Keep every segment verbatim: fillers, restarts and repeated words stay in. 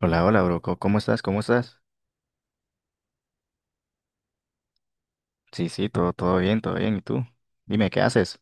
Hola, hola, bro. co- ¿Cómo estás? ¿Cómo estás? Sí, sí, todo, todo bien, todo bien. ¿Y tú? Dime, ¿qué haces?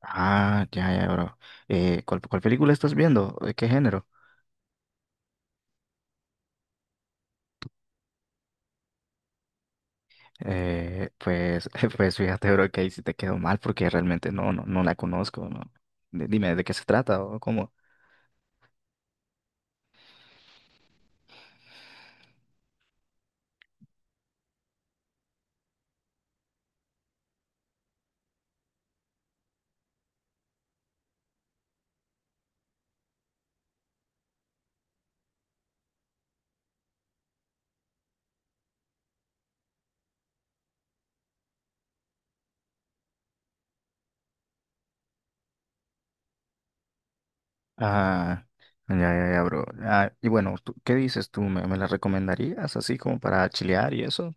Ah, ya, ya, bro. Eh, ¿cuál, cuál película estás viendo? ¿De qué género? Eh, pues, pues fíjate, bro, que ahí sí te quedó mal porque realmente no, no, no la conozco, ¿no? D- Dime, ¿de qué se trata o cómo? Ah, ya, ya, ya, bro. Ah, y bueno, ¿tú, qué dices tú? ¿Me, me la recomendarías así como para chilear y eso?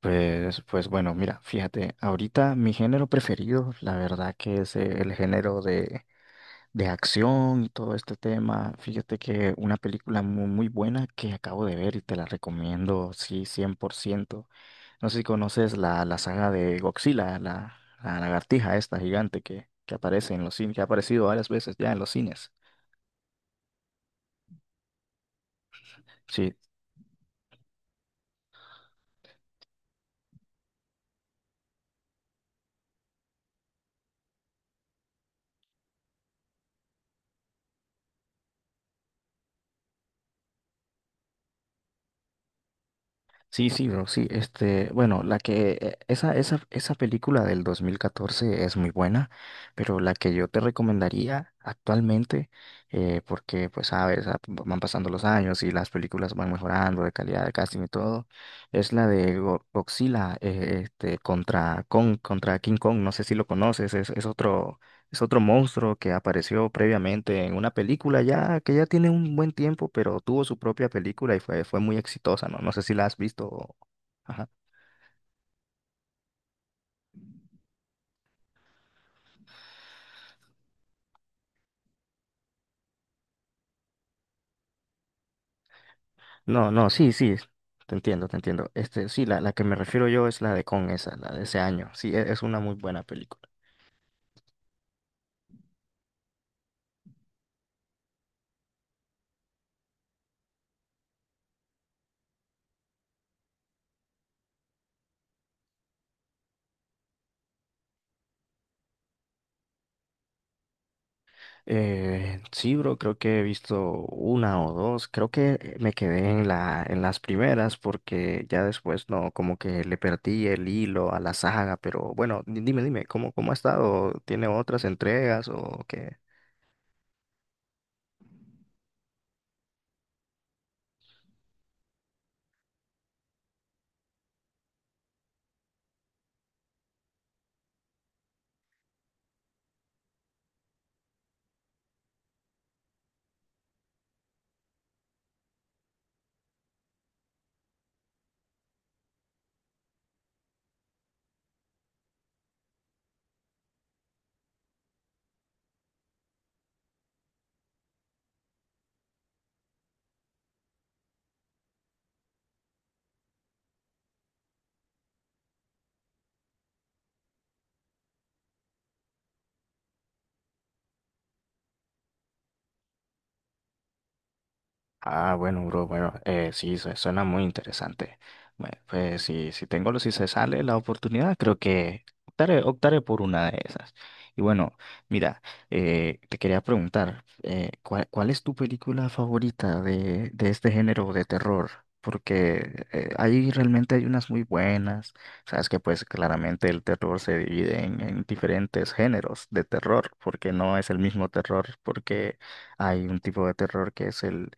Pues, pues bueno, mira, fíjate, ahorita mi género preferido, la verdad que es eh, el género de, de acción y todo este tema. Fíjate que una película mu- muy, buena que acabo de ver y te la recomiendo, sí, cien por ciento. No sé si conoces la, la saga de Godzilla, la, la lagartija esta gigante que, que aparece en los cines, que ha aparecido varias veces ya en los cines. Sí, sí, sí, bro, sí. Este, bueno, la que eh, esa, esa, esa película del dos mil catorce es muy buena, pero la que yo te recomendaría actualmente, eh, porque pues sabes, ah, van pasando los años y las películas van mejorando de calidad de casting y todo, es la de Go- Godzilla, eh, este, contra Kong, contra King Kong. No sé si lo conoces, es, es otro, es otro monstruo que apareció previamente en una película ya que ya tiene un buen tiempo, pero tuvo su propia película y fue, fue muy exitosa, ¿no? No sé si la has visto. o- Ajá. No, no, sí, sí. Te entiendo, te entiendo. Este, sí, la, la que me refiero yo es la de Con esa, la de ese año. Sí, e- es una muy buena película. Eh, sí, bro, creo que he visto una o dos. Creo que eh, me quedé en la, en las primeras porque ya después no, como que le perdí el hilo a la saga. Pero bueno, di- dime, dime, ¿cómo, cómo ha estado? ¿Tiene otras entregas o qué? Ah, bueno, bro, bueno, eh, sí, su- suena muy interesante. Bueno, pues si, si tengo, si se sale la oportunidad, creo que optaré, optaré por una de esas. Y bueno, mira, eh, te quería preguntar, eh, ¿cuál, cuál es tu película favorita de, de este género de terror? Porque eh, ahí realmente hay unas muy buenas. Sabes que pues claramente el terror se divide en, en diferentes géneros de terror, porque no es el mismo terror, porque... Hay un tipo de terror que es el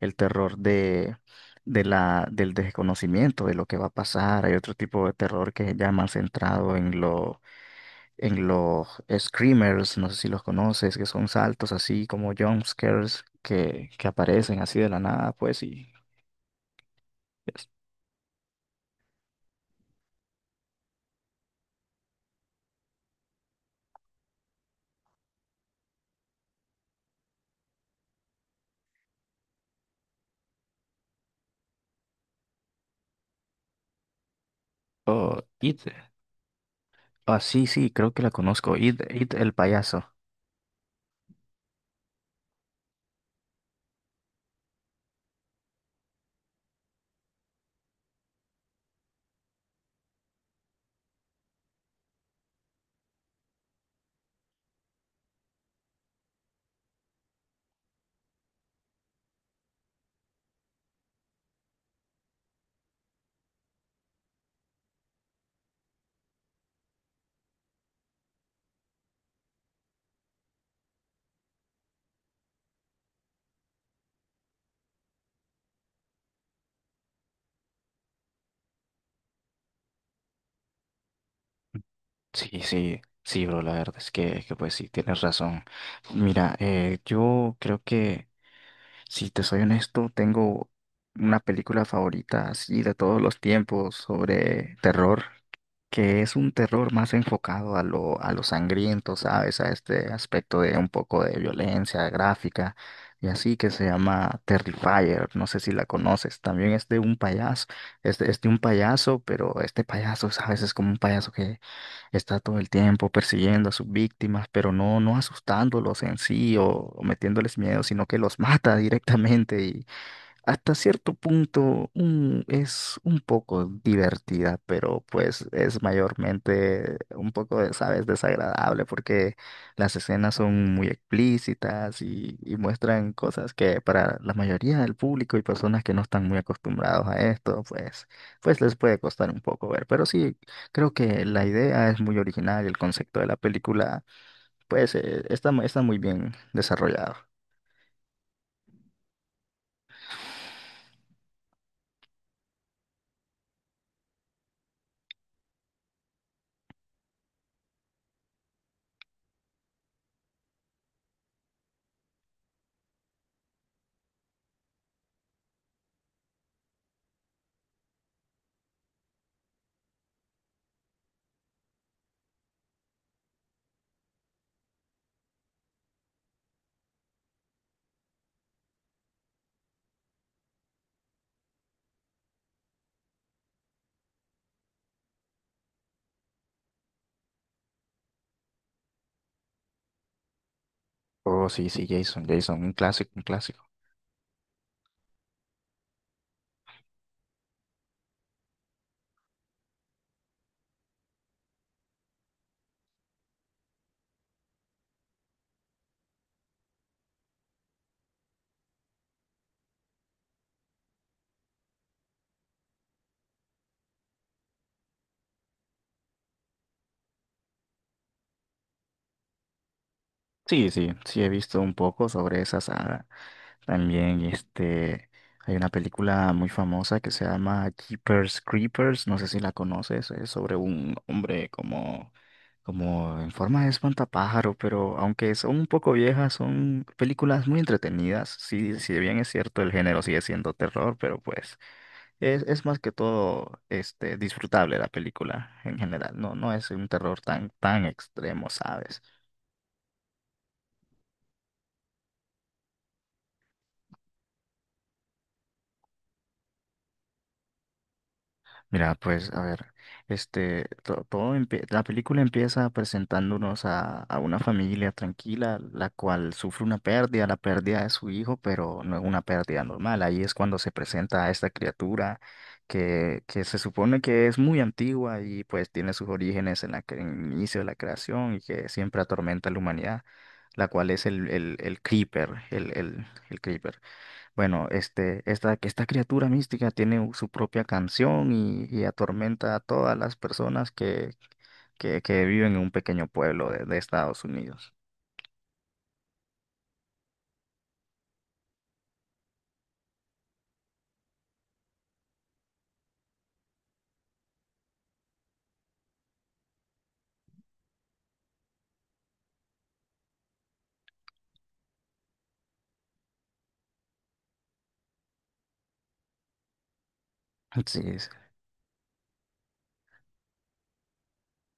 el terror de, de la, del desconocimiento de lo que va a pasar. Hay otro tipo de terror que ya más centrado en lo, en los screamers, no sé si los conoces, que son saltos así como jump scares que, que aparecen así de la nada, pues, y es- o It. Ah, sí, sí, creo que la conozco. It, It, el payaso. Sí, sí, sí, bro, la verdad es que, que pues sí, tienes razón. Mira, eh, yo creo que si te soy honesto, tengo una película favorita así de todos los tiempos sobre terror que es un terror más enfocado a lo, a lo sangriento, ¿sabes? A este aspecto de un poco de violencia gráfica y así que se llama Terrifier, no sé si la conoces, también es de un payaso, es de, es de un payaso, pero este payaso, ¿sabes? Es como un payaso que está todo el tiempo persiguiendo a sus víctimas, pero no, no asustándolos en sí o, o metiéndoles miedo, sino que los mata directamente hasta cierto punto un- es un poco divertida, pero pues es mayormente un poco, de, ¿sabes?, desagradable porque las escenas son muy explícitas y, y muestran cosas que para la mayoría del público y personas que no están muy acostumbrados a esto, pues, pues les puede costar un poco ver. Pero sí, creo que la idea es muy original y el concepto de la película, pues, eh, está, mu- está muy bien desarrollado. Oh, sí, sí, Jason, Jason, un clásico, un clásico. Sí, sí, sí he visto un poco sobre esa saga. También este hay una película muy famosa que se llama Jeepers Creepers, no sé si la conoces, es sobre un hombre como como en forma de espantapájaro, pero aunque son un poco viejas, son películas muy entretenidas. Sí, si bien es cierto el género sigue siendo terror, pero pues es, es más que todo este disfrutable la película en general. No, no es un terror tan tan extremo, ¿sabes? Mira, pues a ver, este, to- todo empie- la película empieza presentándonos a, a una familia tranquila, la cual sufre una pérdida, la pérdida de su hijo, pero no es una pérdida normal. Ahí es cuando se presenta a esta criatura que, que se supone que es muy antigua y pues tiene sus orígenes en la, cre- en el inicio de la creación y que siempre atormenta a la humanidad, la cual es el, el, el Creeper, el, el, el Creeper. Bueno, este, esta, que esta criatura mística tiene u- su propia canción y, y atormenta a todas las personas que, que, que viven en un pequeño pueblo de, de Estados Unidos. Sí, es-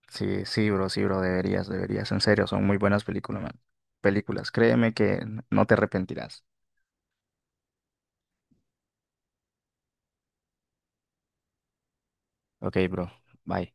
sí, sí, bro, sí, bro, deberías, deberías, en serio, son muy buenas películas, man. Películas, créeme que no te arrepentirás. Ok, bro, bye.